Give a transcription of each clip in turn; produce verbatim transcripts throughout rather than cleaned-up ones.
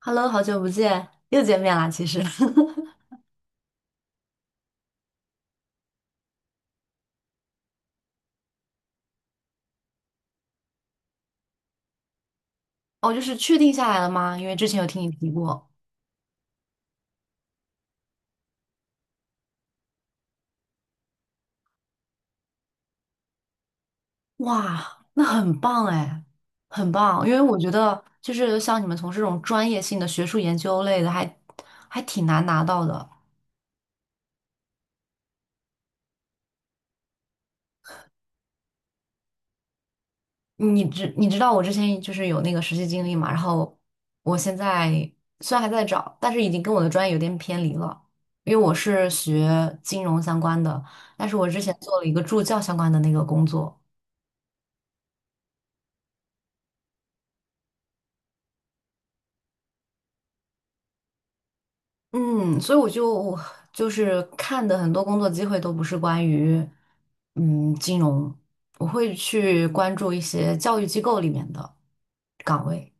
Hello，好久不见，又见面啦。其实，哦，就是确定下来了吗？因为之前有听你提过。哇，那很棒哎，很棒。因为我觉得，就是像你们从事这种专业性的学术研究类的还，还挺难拿到的。你知你知道我之前就是有那个实习经历嘛，然后我现在虽然还在找，但是已经跟我的专业有点偏离了，因为我是学金融相关的，但是我之前做了一个助教相关的那个工作。嗯，所以我就就是看的很多工作机会都不是关于嗯金融，我会去关注一些教育机构里面的岗位。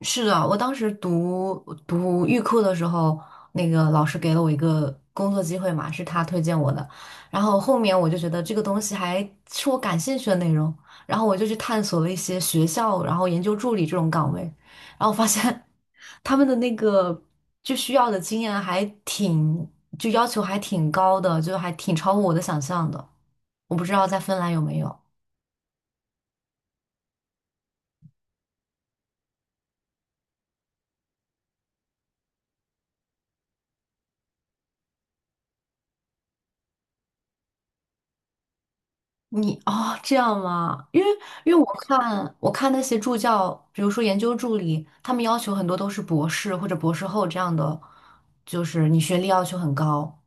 是的，我当时读读预科的时候，那个老师给了我一个工作机会嘛，是他推荐我的。然后后面我就觉得这个东西还是我感兴趣的内容，然后我就去探索了一些学校，然后研究助理这种岗位，然后发现他们的那个就需要的经验还挺，就要求还挺高的，就还挺超乎我的想象的。我不知道在芬兰有没有。你哦，这样吗？因为因为我看我看那些助教，比如说研究助理，他们要求很多都是博士或者博士后这样的，就是你学历要求很高。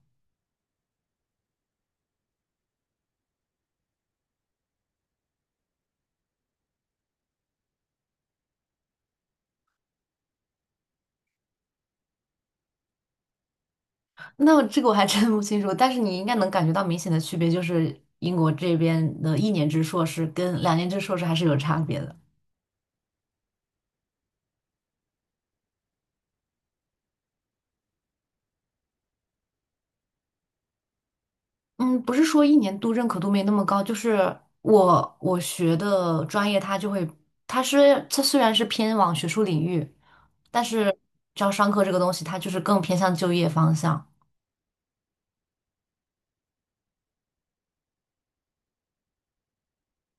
那这个我还真不清楚，但是你应该能感觉到明显的区别，就是英国这边的一年制硕士跟两年制硕士还是有差别的。嗯，不是说一年度认可度没那么高，就是我我学的专业，它就会，它是它虽然是偏往学术领域，但是招商科这个东西，它就是更偏向就业方向，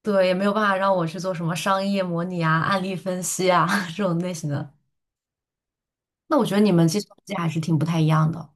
对，也没有办法让我去做什么商业模拟啊、案例分析啊 这种类型的。那我觉得你们计算机还是挺不太一样的。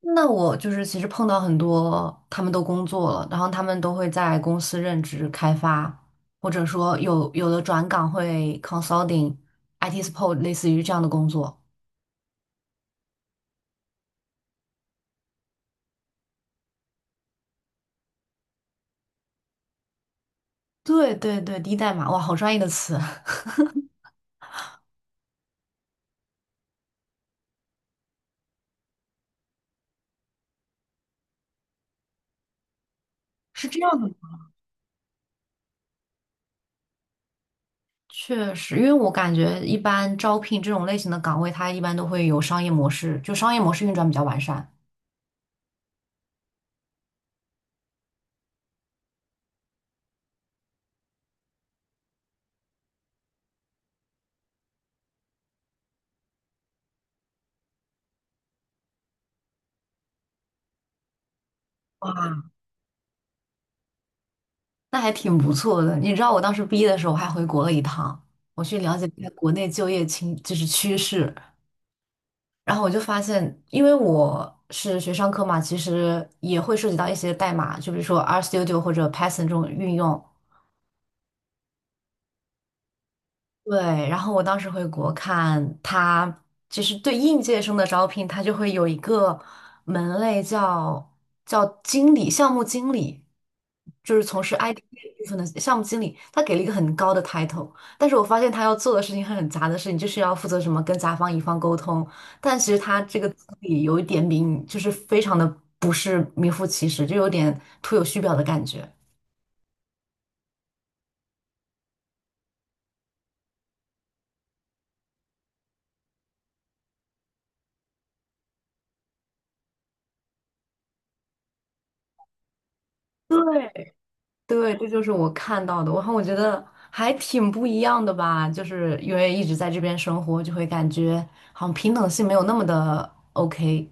那我就是其实碰到很多，他们都工作了，然后他们都会在公司任职开发，或者说有有的转岗会 consulting、I T support，类似于这样的工作。对对对，低代码，哇，好专业的词，是这样的吗。确实，因为我感觉一般招聘这种类型的岗位，它一般都会有商业模式，就商业模式运转比较完善。哇，那还挺不错的。你知道我当时毕业的时候，我还回国了一趟，我去了解一下国内就业情，就是趋势。然后我就发现，因为我是学商科嘛，其实也会涉及到一些代码，就比如说 RStudio 或者 Python 这种运用。对，然后我当时回国看他，其实对应届生的招聘，他就会有一个门类叫叫经理、项目经理，就是从事 I T 部分的项目经理，他给了一个很高的 title，但是我发现他要做的事情很杂的事情，就是要负责什么跟甲方乙方沟通，但其实他这个经理有一点名，就是非常的不是名副其实，就有点徒有虚表的感觉。对，对，这就是我看到的，然后我觉得还挺不一样的吧，就是因为一直在这边生活，就会感觉好像平等性没有那么的 OK。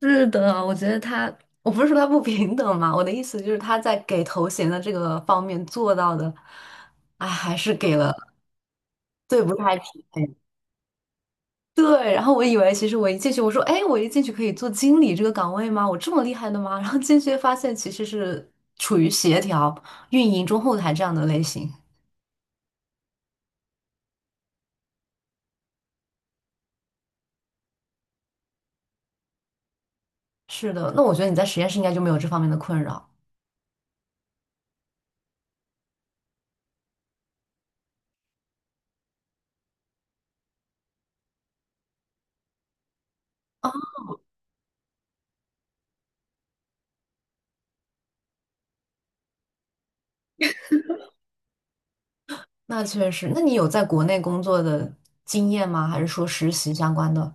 是的，我觉得他，我不是说他不平等嘛，我的意思就是他在给头衔的这个方面做到的，哎，还是给了，对，不太匹配。对，然后我以为其实我一进去，我说，哎，我一进去可以做经理这个岗位吗？我这么厉害的吗？然后进去发现其实是处于协调、运营、中后台这样的类型。是的，那我觉得你在实验室应该就没有这方面的困扰。那确实，那你有在国内工作的经验吗？还是说实习相关的？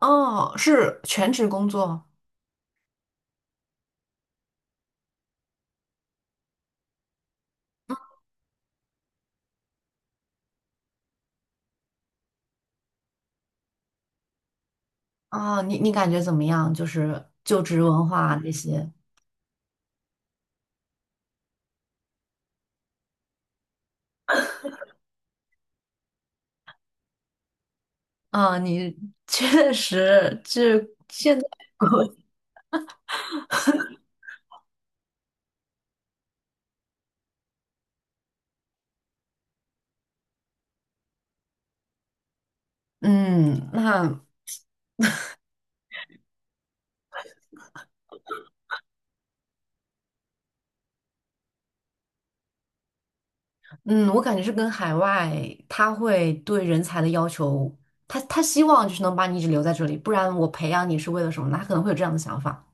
哦，是全职工作啊，你你感觉怎么样？就是就职文化那些啊，你 确实这国，嗯，那嗯，我感觉是跟海外，他会对人才的要求，他他希望就是能把你一直留在这里，不然我培养你是为了什么呢？他可能会有这样的想法。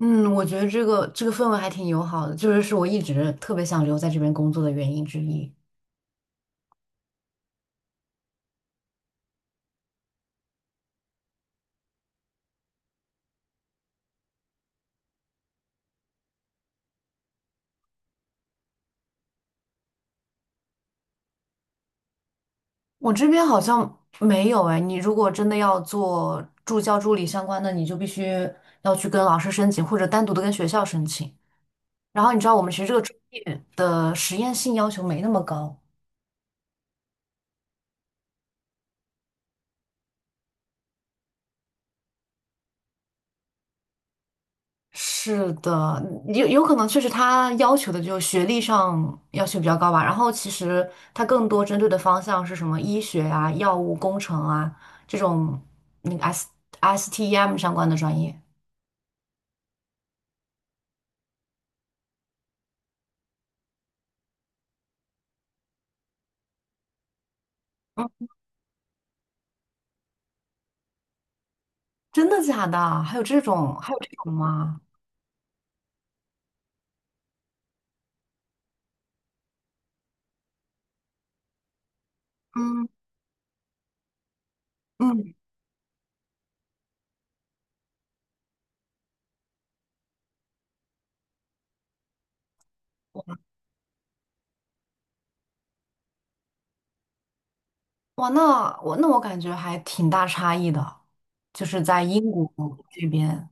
嗯，我觉得这个这个氛围还挺友好的，就是是我一直特别想留在这边工作的原因之一。我这边好像没有哎，你如果真的要做助教助理相关的，你就必须要去跟老师申请，或者单独的跟学校申请。然后你知道我们其实这个专业的实验性要求没那么高。是的，有有可能确实他要求的就是学历上要求比较高吧，然后其实他更多针对的方向是什么医学啊、药物工程啊这种那个 S STEM 相关的专业。嗯，真的假的？还有这种还有这种吗？嗯嗯，哇，那我那我感觉还挺大差异的，就是在英国这边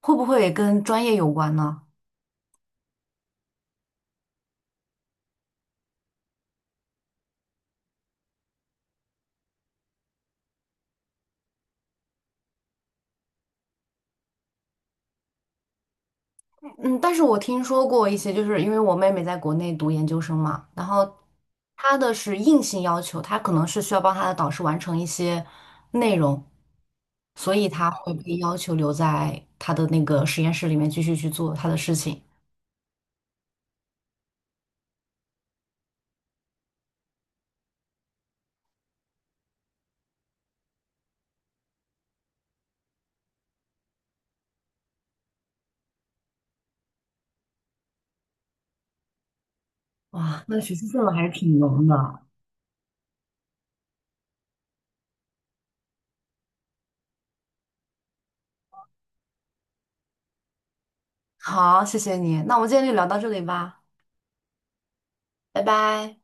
会不会跟专业有关呢？嗯，但是我听说过一些，就是因为我妹妹在国内读研究生嘛，然后她的是硬性要求，她可能是需要帮她的导师完成一些内容，所以她会被要求留在她的那个实验室里面继续去做她的事情。哇，那学习氛围还是挺浓的。好，谢谢你，那我们今天就聊到这里吧，拜拜。